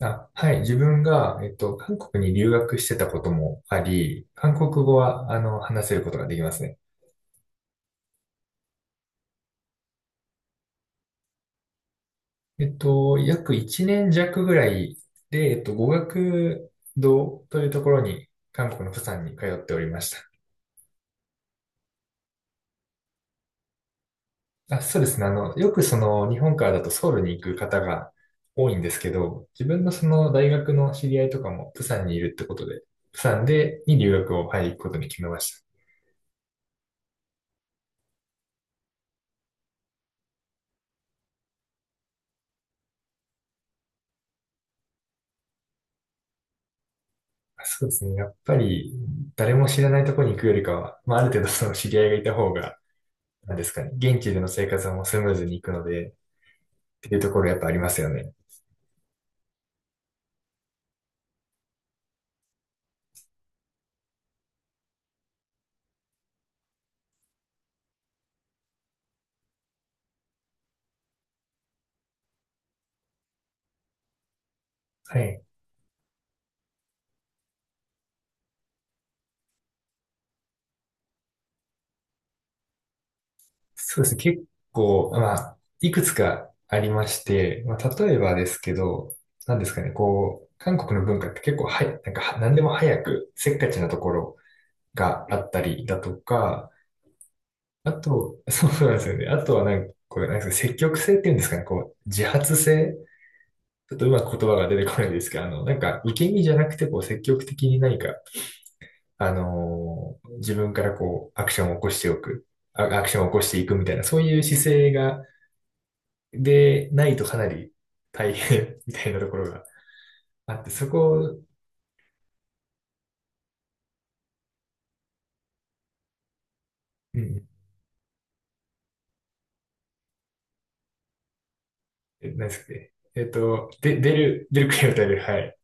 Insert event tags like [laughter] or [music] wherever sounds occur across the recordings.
あ、はい。自分が、韓国に留学してたこともあり、韓国語は、話せることができますね。約1年弱ぐらいで、語学堂というところに、韓国の釜山に通っておりました。あ、そうですね。あの、よくその、日本からだとソウルに行く方が多いんですけど、自分のその、大学の知り合いとかも釜山にいるってことで、釜山に留学を、はい、行くことに決めました。そうですね。やっぱり、誰も知らないところに行くよりかは、まあ、ある程度その知り合いがいた方が、なんですかね、現地での生活はもうスムーズに行くので、っていうところやっぱありますよね。はい。そうですね。結構、まあ、いくつかありまして、まあ、例えばですけど、なんですかね、こう、韓国の文化って結構はや、なんかは、何でも早く、せっかちなところがあったりだとか、あと、そうなんですよね。あとはなんか、こう、なんですか、積極性っていうんですかね。こう、自発性ちょっとうまく言葉が出てこないですけど、なんか、受け身じゃなくて、こう、積極的に何か、自分からこう、アクションを起こしておく、アクションを起こしていくみたいな、そういう姿勢が、で、ないとかなり大変 [laughs] みたいなところがあって、そこを、うん、え何ですかね。えっと、で、出る、出る杭を打たれる、はい。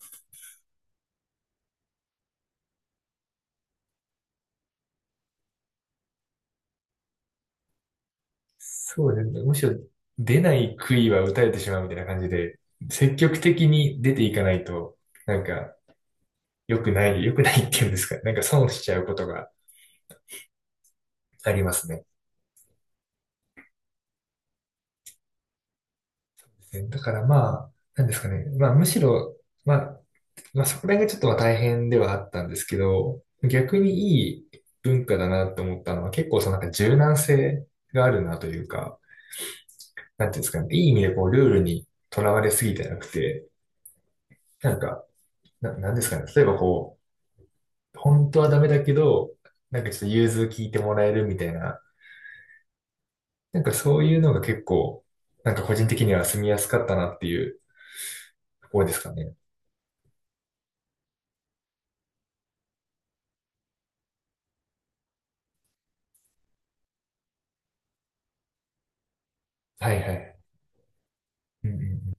そうですね。むしろ、出ない杭は打たれてしまうみたいな感じで、積極的に出ていかないと、なんか、良くないっていうんですか。なんか損しちゃうことが、ありますね。だからまあ、なんですかね。まあむしろ、まあ、まあそこら辺がちょっとまあ大変ではあったんですけど、逆にいい文化だなと思ったのは結構そのなんか柔軟性があるなというか、なんていうんですかね。いい意味でこうルールにとらわれすぎてなくて、なんか、なんですかね、例えばこう、本当はダメだけど、なんかちょっと融通聞いてもらえるみたいな、なんかそういうのが結構、なんか個人的には住みやすかったなっていうところですかね。はいはい。うんうん、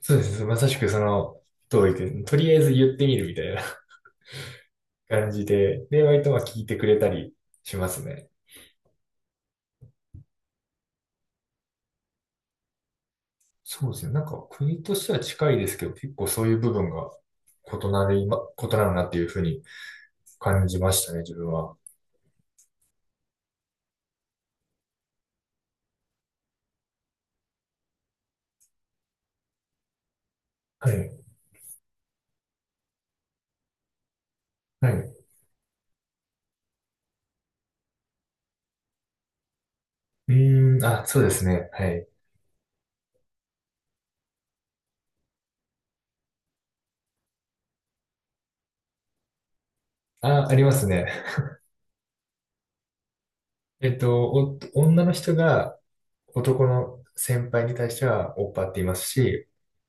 そうです。まさしくその通りで、とりあえず言ってみるみたいな [laughs] 感じで、[laughs] で、割とまあ聞いてくれたりしますね。そうですね。なんか国としては近いですけど、結構そういう部分が異なるなっていうふうに感じましたね、自分は。はい。はい。うーん、あ、そうですね。はい。あ、ありますね。女の人が男の先輩に対してはオッパって言いますし、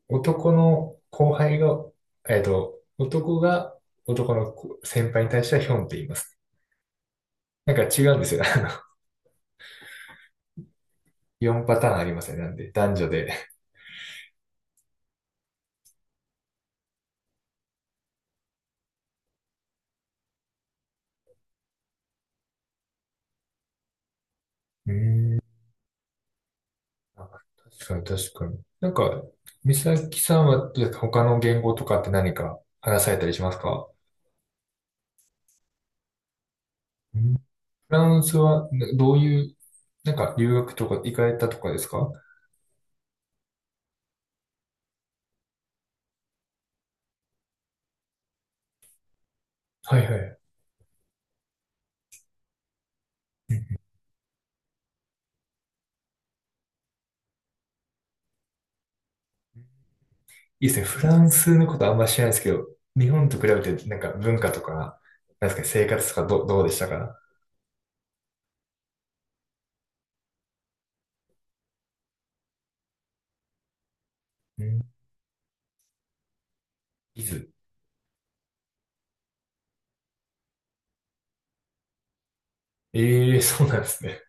男の後輩が、えっと、男が男の子先輩に対してはヒョンって言います。なんか違うんですよ。あの、4パターンありますね。なんで、男女で。うーん。あ、確かに確かに。なんか、美咲さんは他の言語とかって何か話されたりしますか？うん、フランスはな、どういう、なんか留学とか行かれたとかですか？はいはい、いいですね。フランスのことあんま知らないですけど、日本と比べてなんか文化とか、なんですかね、生活とかどうでしたか？うん。ビズ。ええ、そうなんですね。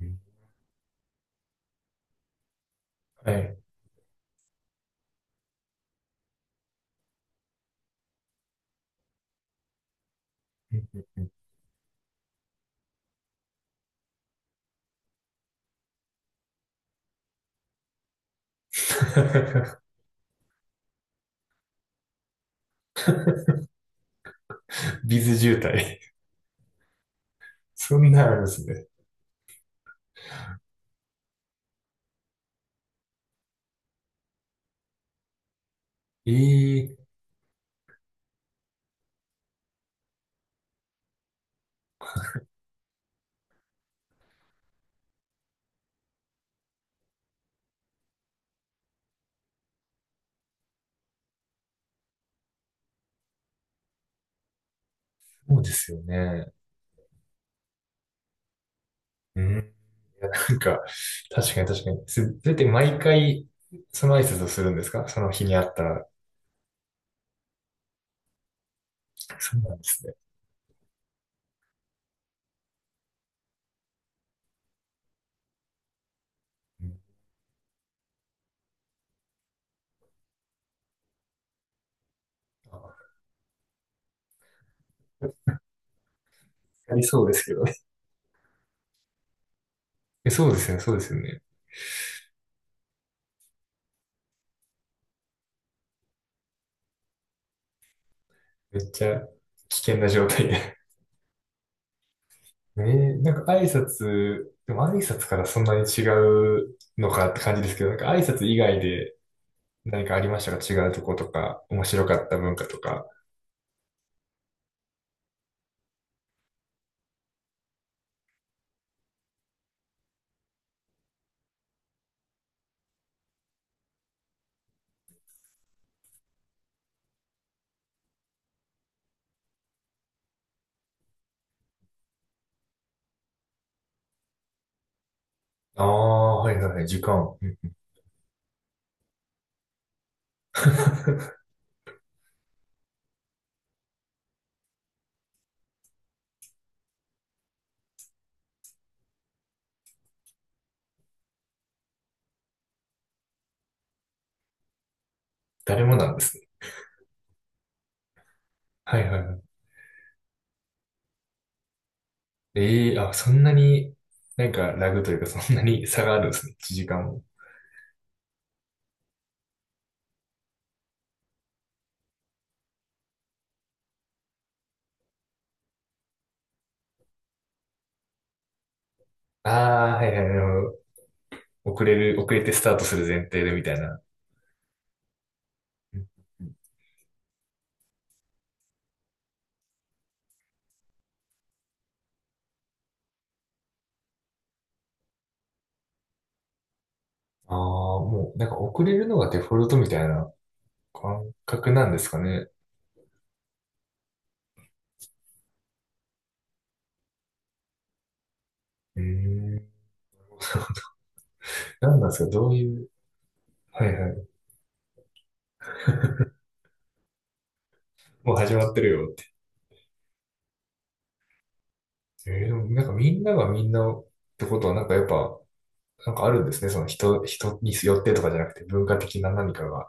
うん、はい。うんうんうん。 [laughs] ビズ渋滞。そんなんあるんですね。ええ、そうですよね。うん。なんか、確かに確かに。それって毎回、その挨拶をするんですか、その日にあったら。そうなんですね。うん、あ、ありそうですけどね。え、そうですよね、そうですよね。めっちゃ危険な状態で。ええ、なんか挨拶、でも挨拶からそんなに違うのかって感じですけど、なんか挨拶以外で何かありましたか、違うとことか、面白かった文化とか。ああ、はいはいはい、時間。うん。 [laughs] 誰もなんですね。はいはいはい。ええ、あ、そんなに、なんかラグというかそんなに差があるんですね。1時間も。ああ、はいはい、なるほど。遅れてスタートする前提でみたいな。うんうん。ああ、もうなんか遅れるのがデフォルトみたいな感覚なんですかね。えー、[laughs] なんなんですか、どういう、はいはい。もう始まってるよって。えー、でもなんかみんながみんなってことはなんかやっぱ、なんかあるんですね。その人、人によってとかじゃなくて文化的な何かが。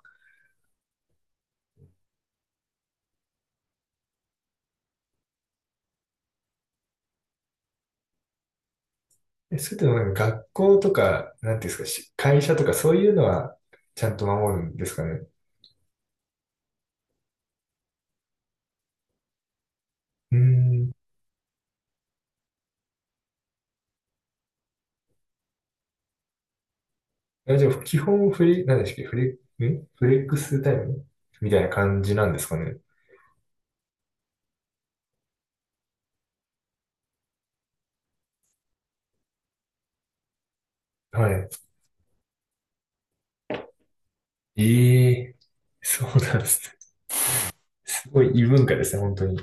え、それともなんか学校とか、なんていうんですか、し会社とかそういうのはちゃんと守るんですかね。うーん。あ、じゃあ基本フリ、何でしたっけフレ、んフレックスタイムみたいな感じなんですかね。はい。ええ、そうなんですね。すごい異文化ですね、本当に。